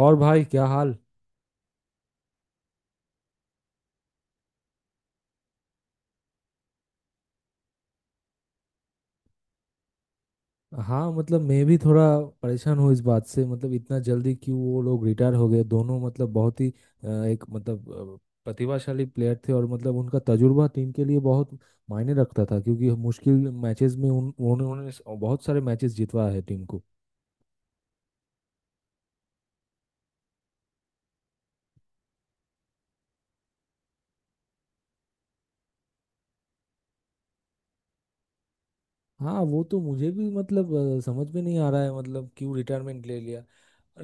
और भाई क्या हाल। हाँ मतलब मैं भी थोड़ा परेशान हूँ इस बात से, मतलब इतना जल्दी क्यों वो लोग रिटायर हो गए दोनों। मतलब बहुत ही एक मतलब प्रतिभाशाली प्लेयर थे और मतलब उनका तजुर्बा टीम के लिए बहुत मायने रखता था, क्योंकि मुश्किल मैचेस में बहुत सारे मैचेस जितवाया है टीम को। हाँ, वो तो मुझे भी मतलब समझ में नहीं आ रहा है मतलब क्यों रिटायरमेंट ले लिया।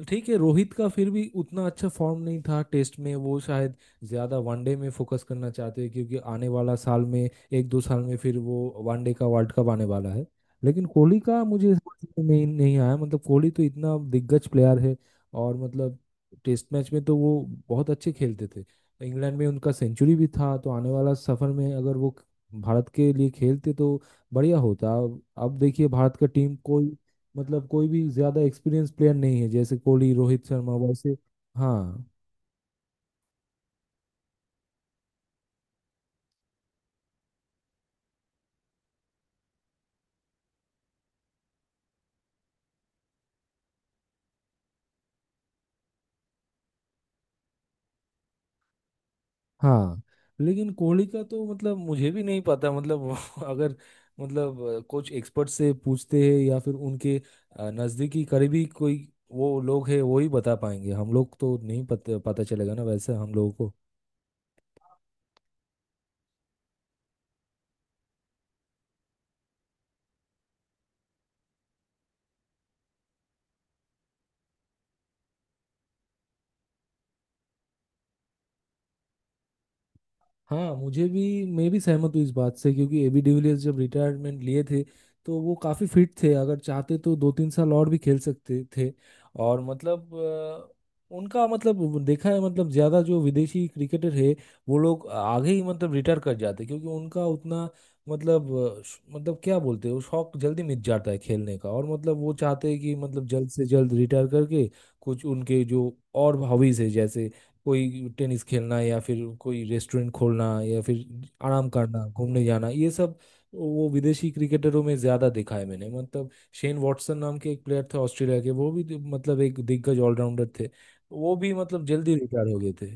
ठीक है, रोहित का फिर भी उतना अच्छा फॉर्म नहीं था टेस्ट में, वो शायद ज्यादा वनडे में फोकस करना चाहते हैं क्योंकि आने वाला साल में, 1 2 साल में फिर वो वनडे का वर्ल्ड कप आने वाला है। लेकिन कोहली का मुझे समझ में नहीं नहीं आया, मतलब कोहली तो इतना दिग्गज प्लेयर है। और मतलब टेस्ट मैच में तो वो बहुत अच्छे खेलते थे, इंग्लैंड में उनका सेंचुरी भी था, तो आने वाला सफर में अगर वो भारत के लिए खेलते तो बढ़िया होता। अब देखिए भारत का टीम कोई मतलब कोई भी ज्यादा एक्सपीरियंस प्लेयर नहीं है जैसे कोहली रोहित शर्मा वैसे। हाँ। हाँ। लेकिन कोहली का तो मतलब मुझे भी नहीं पता, मतलब वो अगर मतलब कुछ एक्सपर्ट से पूछते हैं या फिर उनके नजदीकी करीबी कोई वो लोग है वो ही बता पाएंगे, हम लोग तो नहीं पता, पता चलेगा ना वैसे हम लोगों को। हाँ, मुझे भी, मैं भी सहमत हूँ इस बात से, क्योंकि एबी डिविलियर्स जब रिटायरमेंट लिए थे तो वो काफ़ी फिट थे, अगर चाहते तो 2 3 साल और भी खेल सकते थे। और मतलब उनका मतलब वो देखा है, मतलब ज़्यादा जो विदेशी क्रिकेटर है वो लोग आगे ही मतलब रिटायर कर जाते हैं, क्योंकि उनका उतना मतलब मतलब क्या बोलते हैं वो शौक जल्दी मिट जाता है खेलने का, और मतलब वो चाहते हैं कि मतलब जल्द से जल्द रिटायर करके कुछ उनके जो और हॉबीज है जैसे कोई टेनिस खेलना, या फिर कोई रेस्टोरेंट खोलना, या फिर आराम करना, घूमने जाना ये सब। वो विदेशी क्रिकेटरों में ज्यादा देखा है मैंने, मतलब शेन वॉटसन नाम के एक प्लेयर थे ऑस्ट्रेलिया के, वो भी मतलब एक दिग्गज ऑलराउंडर थे, वो भी मतलब जल्दी रिटायर हो गए थे।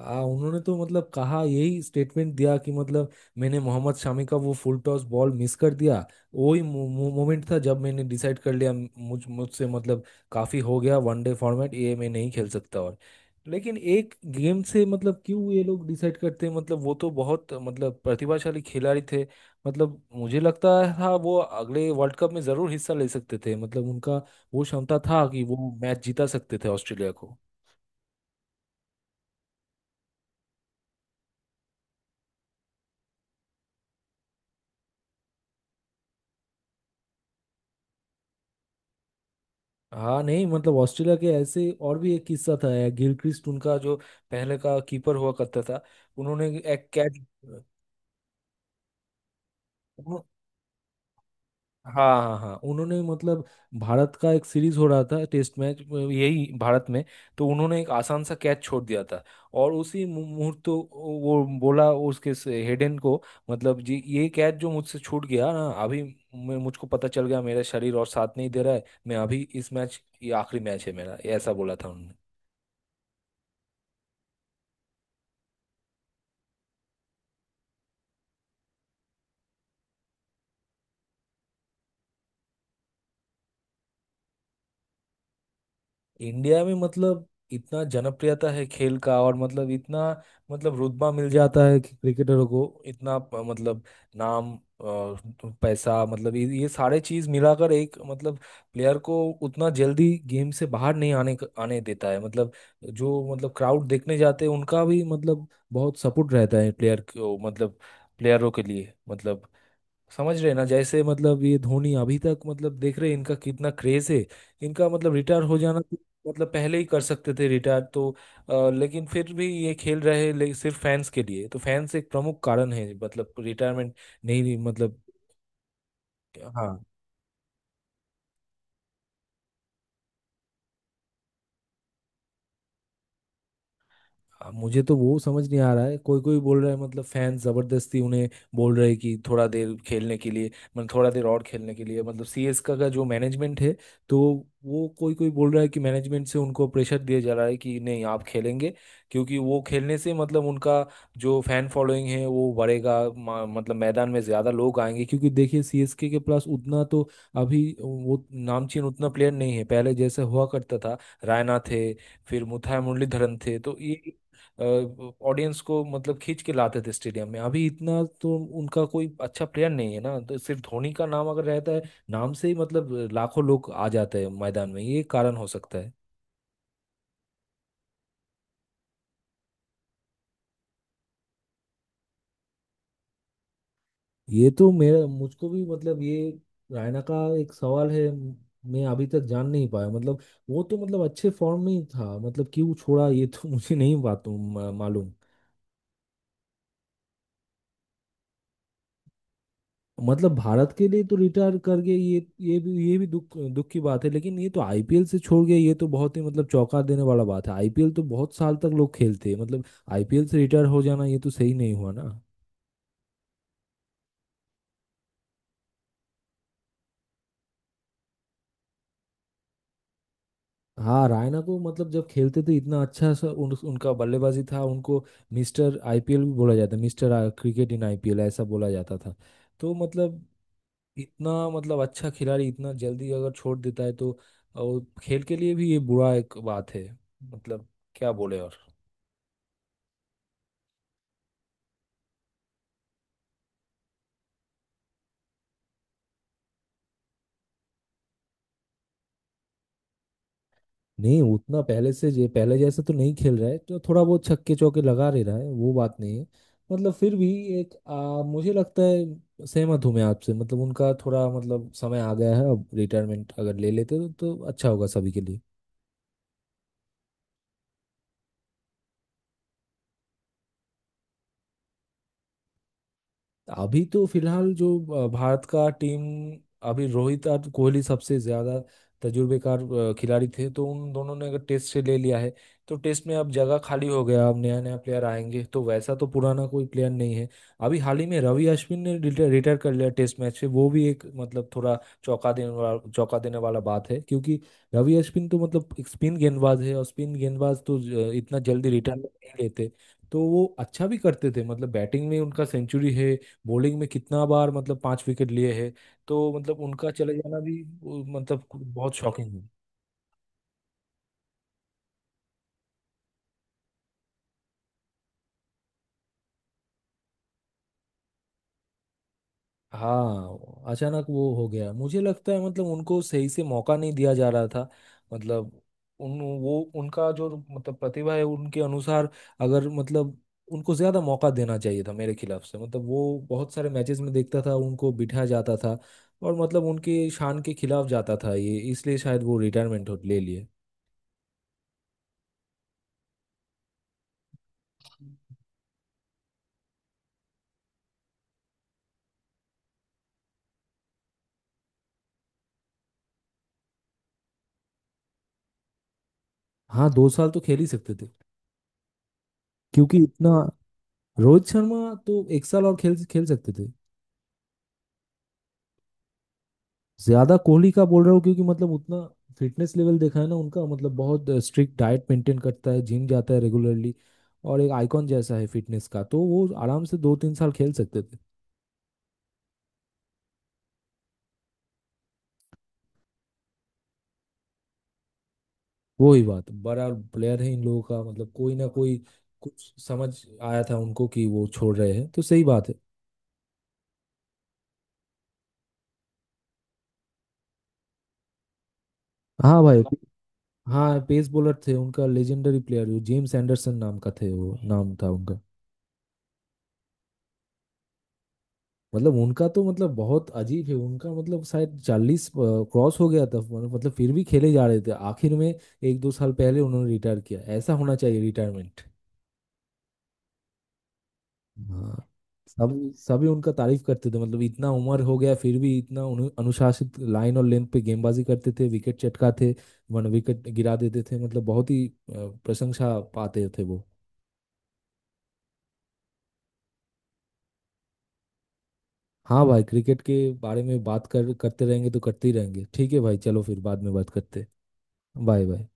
उन्होंने तो मतलब कहा, यही स्टेटमेंट दिया कि मतलब मैंने मोहम्मद शामी का वो फुल टॉस बॉल मिस कर दिया, वही मोमेंट था जब मैंने डिसाइड कर लिया मुझसे मतलब काफी हो गया वनडे फॉर्मेट, ये मैं नहीं खेल सकता। और लेकिन एक गेम से मतलब क्यों ये लोग डिसाइड करते हैं, मतलब वो तो बहुत मतलब प्रतिभाशाली खिलाड़ी थे। मतलब मुझे लगता था वो अगले वर्ल्ड कप में जरूर हिस्सा ले सकते थे, मतलब उनका वो क्षमता था कि वो मैच जीता सकते थे ऑस्ट्रेलिया को। हाँ, नहीं मतलब ऑस्ट्रेलिया के ऐसे और भी एक किस्सा था यार, गिलक्रिस्ट उनका जो पहले का कीपर हुआ करता था, उन्होंने एक कैच उन्हों- हाँ हाँ हाँ, उन्होंने मतलब भारत का एक सीरीज हो रहा था टेस्ट मैच, यही भारत में, तो उन्होंने एक आसान सा कैच छोड़ दिया था और उसी मुहूर्त तो वो बोला उसके, हेडन को, मतलब जी ये कैच जो मुझसे छूट गया ना अभी, मुझको पता चल गया मेरा शरीर और साथ नहीं दे रहा है, मैं अभी इस मैच, ये आखिरी मैच है मेरा, ये ऐसा बोला था। इंडिया में मतलब इतना जनप्रियता है खेल का, और मतलब इतना मतलब रुतबा मिल जाता है कि क्रिकेटरों को, इतना मतलब नाम, अ, पैसा, मतलब ये सारे चीज मिलाकर एक मतलब प्लेयर को उतना जल्दी गेम से बाहर नहीं आने देता है। मतलब जो मतलब क्राउड देखने जाते हैं उनका भी मतलब बहुत सपोर्ट रहता है प्लेयर को, मतलब प्लेयरों के लिए मतलब समझ रहे हैं ना। जैसे मतलब ये धोनी अभी तक मतलब देख रहे हैं इनका कितना क्रेज है, इनका मतलब रिटायर हो जाना तो मतलब पहले ही कर सकते थे रिटायर तो, लेकिन फिर भी ये खेल रहे हैं सिर्फ फैंस के लिए, तो फैंस एक प्रमुख कारण है मतलब रिटायरमेंट नहीं नहीं, मतलब। हाँ। मुझे तो वो समझ नहीं आ रहा है, कोई कोई बोल रहा है मतलब फैन जबरदस्ती उन्हें बोल रहे हैं कि थोड़ा देर खेलने के लिए, मतलब थोड़ा देर और खेलने के लिए, मतलब सीएसके का जो मैनेजमेंट है, तो वो कोई कोई बोल रहा है कि मैनेजमेंट से उनको प्रेशर दिया जा रहा है कि नहीं आप खेलेंगे, क्योंकि वो खेलने से मतलब उनका जो फैन फॉलोइंग है वो बढ़ेगा, मतलब मैदान में ज्यादा लोग आएंगे, क्योंकि देखिए सीएसके के पास उतना तो अभी वो नामचीन उतना प्लेयर नहीं है पहले जैसे हुआ करता था। रायना थे, फिर मुथाई मुरलीधरन थे, तो ये ऑडियंस को मतलब खींच के लाते थे स्टेडियम में। अभी इतना तो उनका कोई अच्छा प्लेयर नहीं है ना, तो सिर्फ धोनी का नाम अगर रहता है, नाम से ही मतलब लाखों लोग आ जाते हैं मैदान में, ये कारण हो सकता है। ये तो मेरा, मुझको भी मतलब ये रायना का एक सवाल है, मैं अभी तक जान नहीं पाया मतलब, वो तो मतलब अच्छे फॉर्म में ही था, मतलब क्यों छोड़ा ये तो मुझे नहीं बात मालूम। मतलब भारत के लिए तो रिटायर कर गए, ये भी दुख दुख की बात है, लेकिन ये तो आईपीएल से छोड़ गए, ये तो बहुत ही मतलब चौंका देने वाला बात है, आईपीएल तो बहुत साल तक लोग खेलते हैं, मतलब आईपीएल से रिटायर हो जाना ये तो सही नहीं हुआ ना। हाँ, रायना को मतलब जब खेलते थे इतना अच्छा सा उनका बल्लेबाजी था, उनको मिस्टर आईपीएल भी बोला जाता, मिस्टर क्रिकेट इन आईपीएल ऐसा बोला जाता था, तो मतलब इतना मतलब अच्छा खिलाड़ी इतना जल्दी अगर छोड़ देता है तो वो खेल के लिए भी ये बुरा एक बात है, मतलब क्या बोले। नहीं उतना पहले से, जे पहले जैसे तो नहीं खेल रहा है, तो थोड़ा बहुत छक्के चौके लगा ले रहा है, वो बात नहीं है। मतलब फिर भी एक मुझे लगता है सहमत हूँ मैं आपसे, मतलब उनका थोड़ा मतलब समय आ गया है, अब रिटायरमेंट अगर ले लेते तो अच्छा होगा सभी के लिए। अभी तो फिलहाल जो भारत का टीम, अभी रोहित और कोहली सबसे ज्यादा तजुर्बेकार खिलाड़ी थे, तो उन दोनों ने अगर टेस्ट से ले लिया है, तो टेस्ट में अब जगह खाली हो गया, अब नया नया प्लेयर आएंगे, तो वैसा तो पुराना कोई प्लेयर नहीं है। अभी हाल ही में रवि अश्विन ने रिटायर कर लिया टेस्ट मैच से, वो भी एक मतलब थोड़ा चौंका देने वाला बात है, क्योंकि रवि अश्विन तो मतलब एक स्पिन गेंदबाज है, और स्पिन गेंदबाज तो इतना जल्दी रिटायर नहीं लेते, तो वो अच्छा भी करते थे, मतलब बैटिंग में उनका सेंचुरी है, बॉलिंग में कितना बार मतलब पांच विकेट लिए हैं, तो मतलब उनका चले जाना भी वो मतलब बहुत शॉकिंग है। हाँ, अचानक वो हो गया, मुझे लगता है मतलब उनको सही से मौका नहीं दिया जा रहा था, मतलब उन वो उनका जो मतलब प्रतिभा है उनके अनुसार अगर मतलब उनको ज्यादा मौका देना चाहिए था मेरे खिलाफ से, मतलब वो बहुत सारे मैचेस में देखता था उनको बिठा जाता था, और मतलब उनके शान के खिलाफ जाता था ये, इसलिए शायद वो रिटायरमेंट ले लिए। हाँ, 2 साल तो खेल ही सकते थे क्योंकि इतना, रोहित शर्मा तो 1 साल और खेल खेल सकते थे। ज्यादा कोहली का बोल रहा हूँ क्योंकि मतलब उतना फिटनेस लेवल देखा है ना उनका, मतलब बहुत स्ट्रिक्ट डाइट मेंटेन करता है, जिम जाता है रेगुलरली, और एक आइकॉन जैसा है फिटनेस का, तो वो आराम से 2 3 साल खेल सकते थे। वो ही बात, बड़ा प्लेयर है इन लोगों का, मतलब कोई ना कोई कुछ समझ आया था उनको कि वो छोड़ रहे हैं, तो सही बात है। हाँ भाई। हाँ, पेस बॉलर थे उनका, लेजेंडरी प्लेयर जो जेम्स एंडरसन नाम का थे, वो नाम था उनका। मतलब उनका तो मतलब बहुत अजीब है, उनका मतलब शायद 40 क्रॉस हो गया था, मतलब फिर भी खेले जा रहे थे आखिर में, 1 2 साल पहले उन्होंने रिटायर किया, ऐसा होना चाहिए रिटायरमेंट। हाँ, सब सभी उनका तारीफ करते थे, मतलब इतना उम्र हो गया फिर भी इतना उन्हें अनुशासित लाइन और लेंथ पे गेंदबाजी करते थे, विकेट चटकाते, वन विकेट गिरा देते थे, मतलब बहुत ही प्रशंसा पाते थे वो। हाँ भाई, क्रिकेट के बारे में बात कर करते रहेंगे तो करते ही रहेंगे, ठीक है भाई, चलो फिर बाद में बात करते। Bye bye.